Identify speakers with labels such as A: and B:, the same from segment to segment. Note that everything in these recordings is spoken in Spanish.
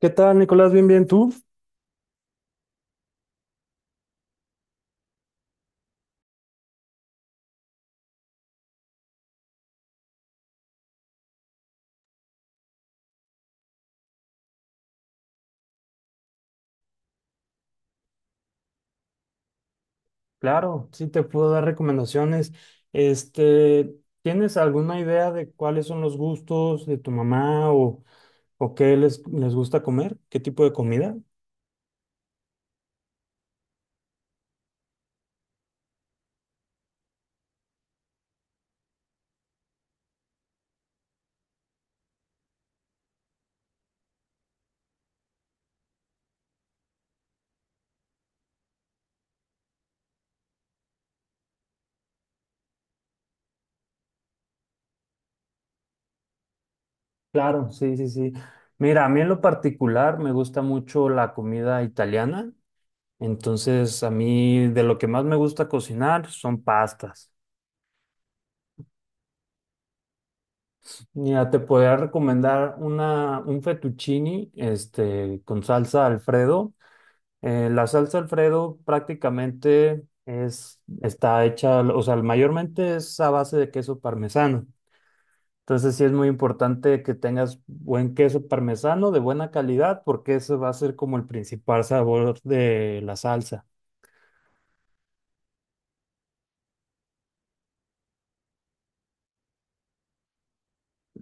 A: ¿Qué tal, Nicolás? Bien, bien, ¿tú? Claro, sí te puedo dar recomendaciones. Este, ¿Tienes alguna idea de cuáles son los gustos de tu mamá o qué les gusta comer? ¿Qué tipo de comida? Claro, sí, sí, sí. Mira, a mí en lo particular me gusta mucho la comida italiana. Entonces, a mí de lo que más me gusta cocinar son pastas. Mira, te podría recomendar un fettuccine, con salsa Alfredo. La salsa Alfredo prácticamente está hecha, o sea, mayormente es a base de queso parmesano. Entonces sí es muy importante que tengas buen queso parmesano de buena calidad porque ese va a ser como el principal sabor de la salsa.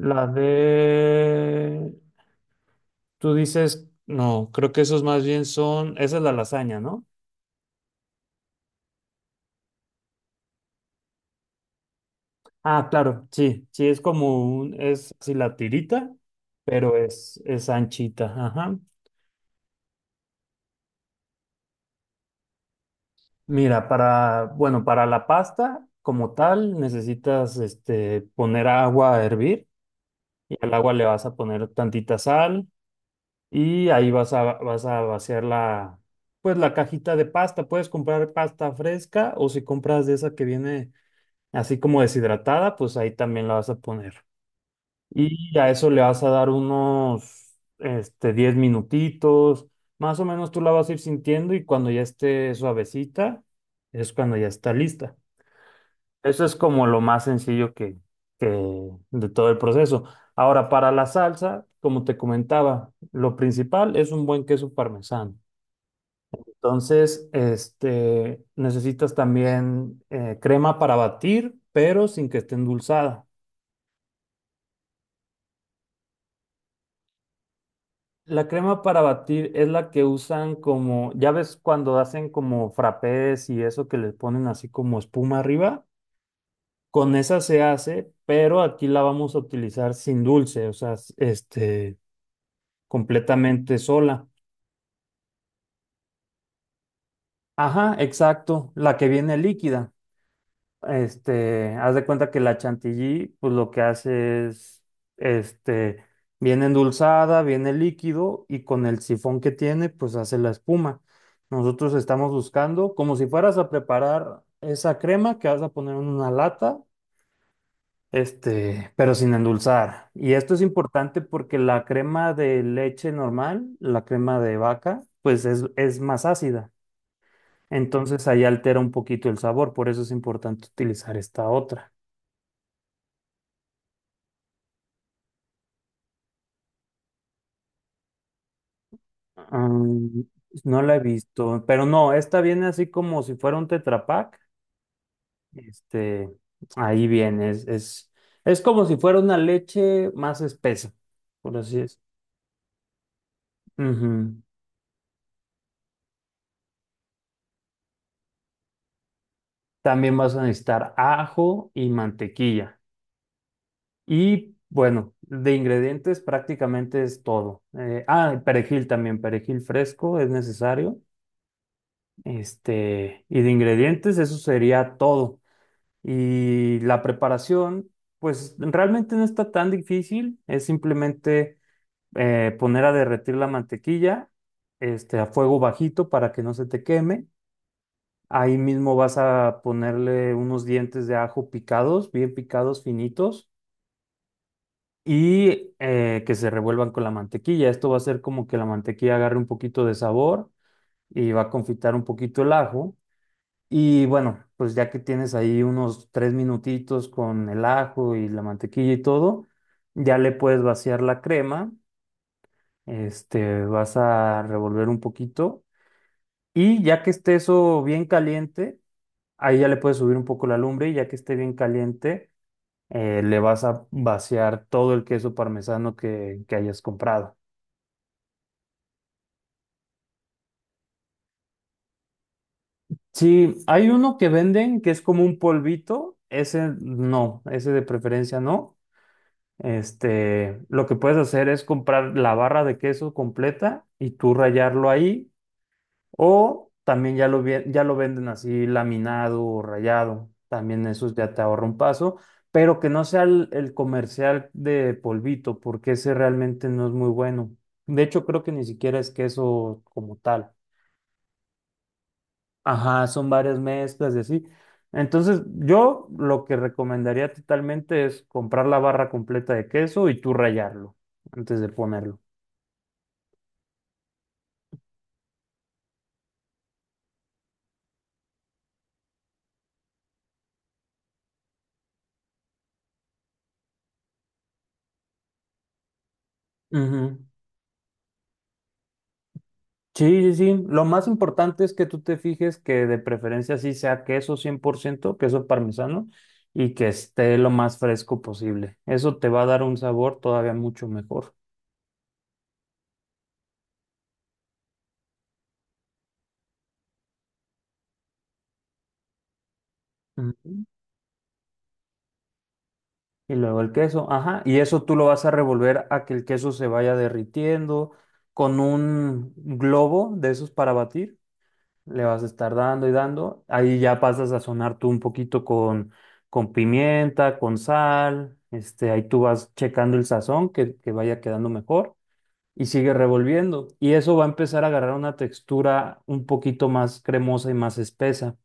A: La de... Tú dices, no, creo que esos más bien esa es la lasaña, ¿no? Ah, claro, sí, sí, es como es así la tirita, pero es anchita, ajá. Mira, bueno, para la pasta como tal necesitas poner agua a hervir y al agua le vas a poner tantita sal y ahí vas a vaciar pues la cajita de pasta. Puedes comprar pasta fresca o si compras de esa que viene así como deshidratada, pues ahí también la vas a poner. Y a eso le vas a dar unos 10 minutitos, más o menos tú la vas a ir sintiendo y cuando ya esté suavecita es cuando ya está lista. Eso es como lo más sencillo que de todo el proceso. Ahora, para la salsa, como te comentaba, lo principal es un buen queso parmesano. Entonces, necesitas también crema para batir, pero sin que esté endulzada. La crema para batir es la que usan como, ya ves cuando hacen como frappés y eso que les ponen así como espuma arriba. Con esa se hace, pero aquí la vamos a utilizar sin dulce, o sea, completamente sola. Ajá, exacto, la que viene líquida. Haz de cuenta que la chantilly, pues lo que hace es, este, viene endulzada, viene líquido y con el sifón que tiene, pues hace la espuma. Nosotros estamos buscando, como si fueras a preparar esa crema que vas a poner en una lata, pero sin endulzar. Y esto es importante porque la crema de leche normal, la crema de vaca, pues es más ácida. Entonces ahí altera un poquito el sabor, por eso es importante utilizar esta otra. Mm, no la he visto, pero no, esta viene así como si fuera un Tetra Pak. Este, ahí viene, es como si fuera una leche más espesa, por así es. Ujú. También vas a necesitar ajo y mantequilla. Y bueno, de ingredientes prácticamente es todo. Perejil también, perejil fresco es necesario. Y de ingredientes, eso sería todo. Y la preparación, pues realmente no está tan difícil, es simplemente poner a derretir la mantequilla, a fuego bajito para que no se te queme. Ahí mismo vas a ponerle unos dientes de ajo picados, bien picados, finitos, y que se revuelvan con la mantequilla. Esto va a hacer como que la mantequilla agarre un poquito de sabor y va a confitar un poquito el ajo. Y bueno, pues ya que tienes ahí unos 3 minutitos con el ajo y la mantequilla y todo, ya le puedes vaciar la crema, vas a revolver un poquito y ya que esté eso bien caliente, ahí ya le puedes subir un poco la lumbre y ya que esté bien caliente, le vas a vaciar todo el queso parmesano que hayas comprado. Sí, hay uno que venden que es como un polvito, ese no, ese de preferencia no. Lo que puedes hacer es comprar la barra de queso completa y tú rayarlo ahí, o también ya lo ya lo venden así laminado o rayado. También eso ya te ahorra un paso, pero que no sea el comercial de polvito, porque ese realmente no es muy bueno. De hecho, creo que ni siquiera es queso como tal. Ajá, son varias mezclas y así. Entonces, yo lo que recomendaría totalmente es comprar la barra completa de queso y tú rallarlo antes de ponerlo. Ujú. Sí, sí, sí. Lo más importante es que tú te fijes que de preferencia sí sea queso 100% queso parmesano, y que esté lo más fresco posible. Eso te va a dar un sabor todavía mucho mejor. Ujú. Y luego el queso, ajá, y eso tú lo vas a revolver a que el queso se vaya derritiendo con un globo de esos para batir, le vas a estar dando y dando, ahí ya pasas a sazonar tú un poquito con pimienta, con sal, ahí tú vas checando el sazón que vaya quedando mejor y sigue revolviendo y eso va a empezar a agarrar una textura un poquito más cremosa y más espesa.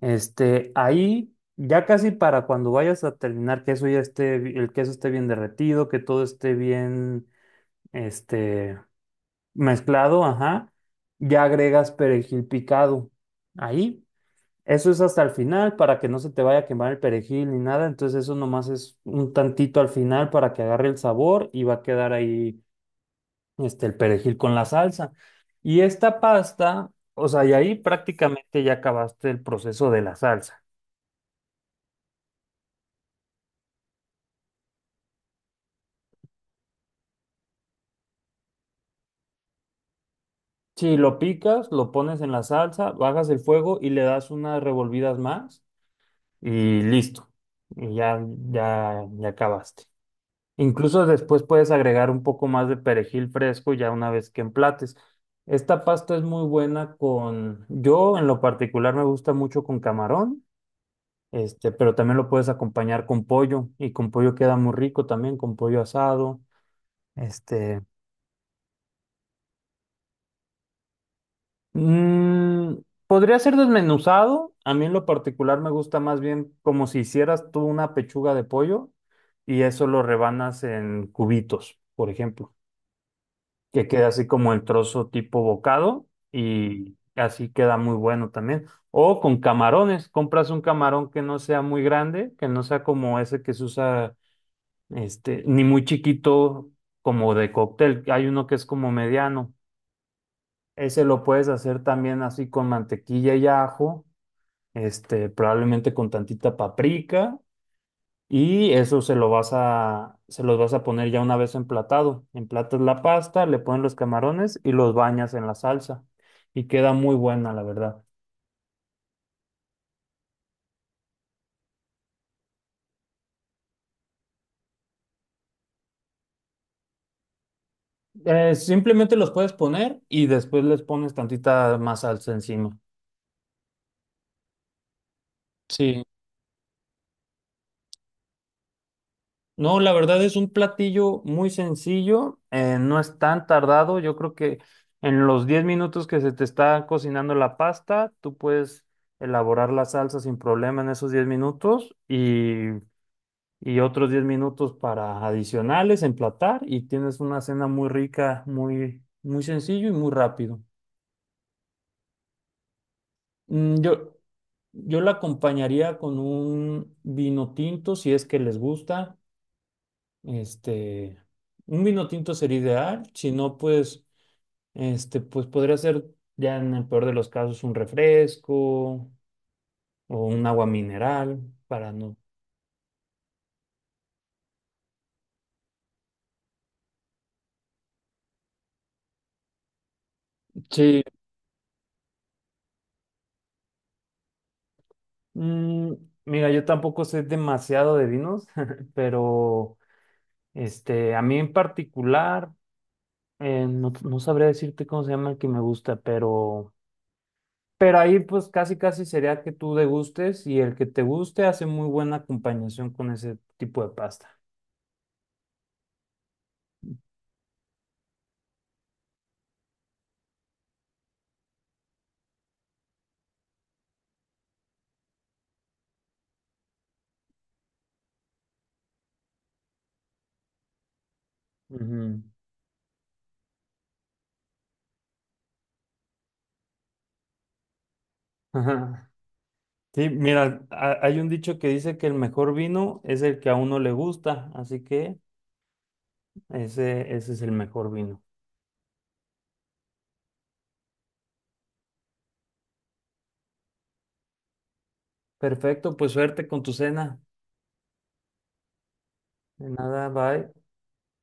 A: Ahí ya casi para cuando vayas a terminar, que eso ya esté, el queso esté bien derretido, que todo esté bien, este, mezclado, ajá, ya agregas perejil picado. Ahí, eso es hasta el final para que no se te vaya a quemar el perejil ni nada, entonces eso nomás es un tantito al final para que agarre el sabor y va a quedar ahí, el perejil con la salsa. Y esta pasta, o sea, y ahí prácticamente ya acabaste el proceso de la salsa. Si lo picas, lo pones en la salsa, bajas el fuego y le das unas revolvidas más y listo. Y ya, ya acabaste. Incluso después puedes agregar un poco más de perejil fresco ya una vez que emplates. Esta pasta es muy buena con, yo en lo particular me gusta mucho con camarón, pero también lo puedes acompañar con pollo y con pollo queda muy rico también, con pollo asado. Este, Mm, podría ser desmenuzado. A mí en lo particular me gusta más bien como si hicieras tú una pechuga de pollo y eso lo rebanas en cubitos, por ejemplo, que queda así como el trozo tipo bocado y así queda muy bueno también. O con camarones, compras un camarón que no sea muy grande, que no sea como ese que se usa, ni muy chiquito como de cóctel. Hay uno que es como mediano, ese lo puedes hacer también así con mantequilla y ajo, probablemente con tantita paprika y eso se los vas a poner ya una vez emplatado. Emplatas la pasta, le pones los camarones y los bañas en la salsa y queda muy buena, la verdad. Simplemente los puedes poner y después les pones tantita más salsa encima. Sí. No, la verdad es un platillo muy sencillo, no es tan tardado. Yo creo que en los 10 minutos que se te está cocinando la pasta, tú puedes elaborar la salsa sin problema en esos 10 minutos y otros 10 minutos para adicionales, emplatar y tienes una cena muy rica, muy sencillo y muy rápido. Mm, Yo, yo la acompañaría con un vino tinto si es que les gusta. Este, un vino tinto sería ideal, si no, pues podría ser ya en el peor de los casos un refresco o un agua mineral para no. Sí, mm, mira, yo tampoco sé demasiado de vinos, pero a mí en particular, no sabría decirte cómo se llama el que me gusta, pero ahí pues casi casi sería que tú degustes y el que te guste hace muy buena acompañación con ese tipo de pasta. Ujú. Ajá. Sí, mira, hay un dicho que dice que el mejor vino es el que a uno le gusta, así que ese es el mejor vino. Perfecto, pues suerte con tu cena. De nada, bye.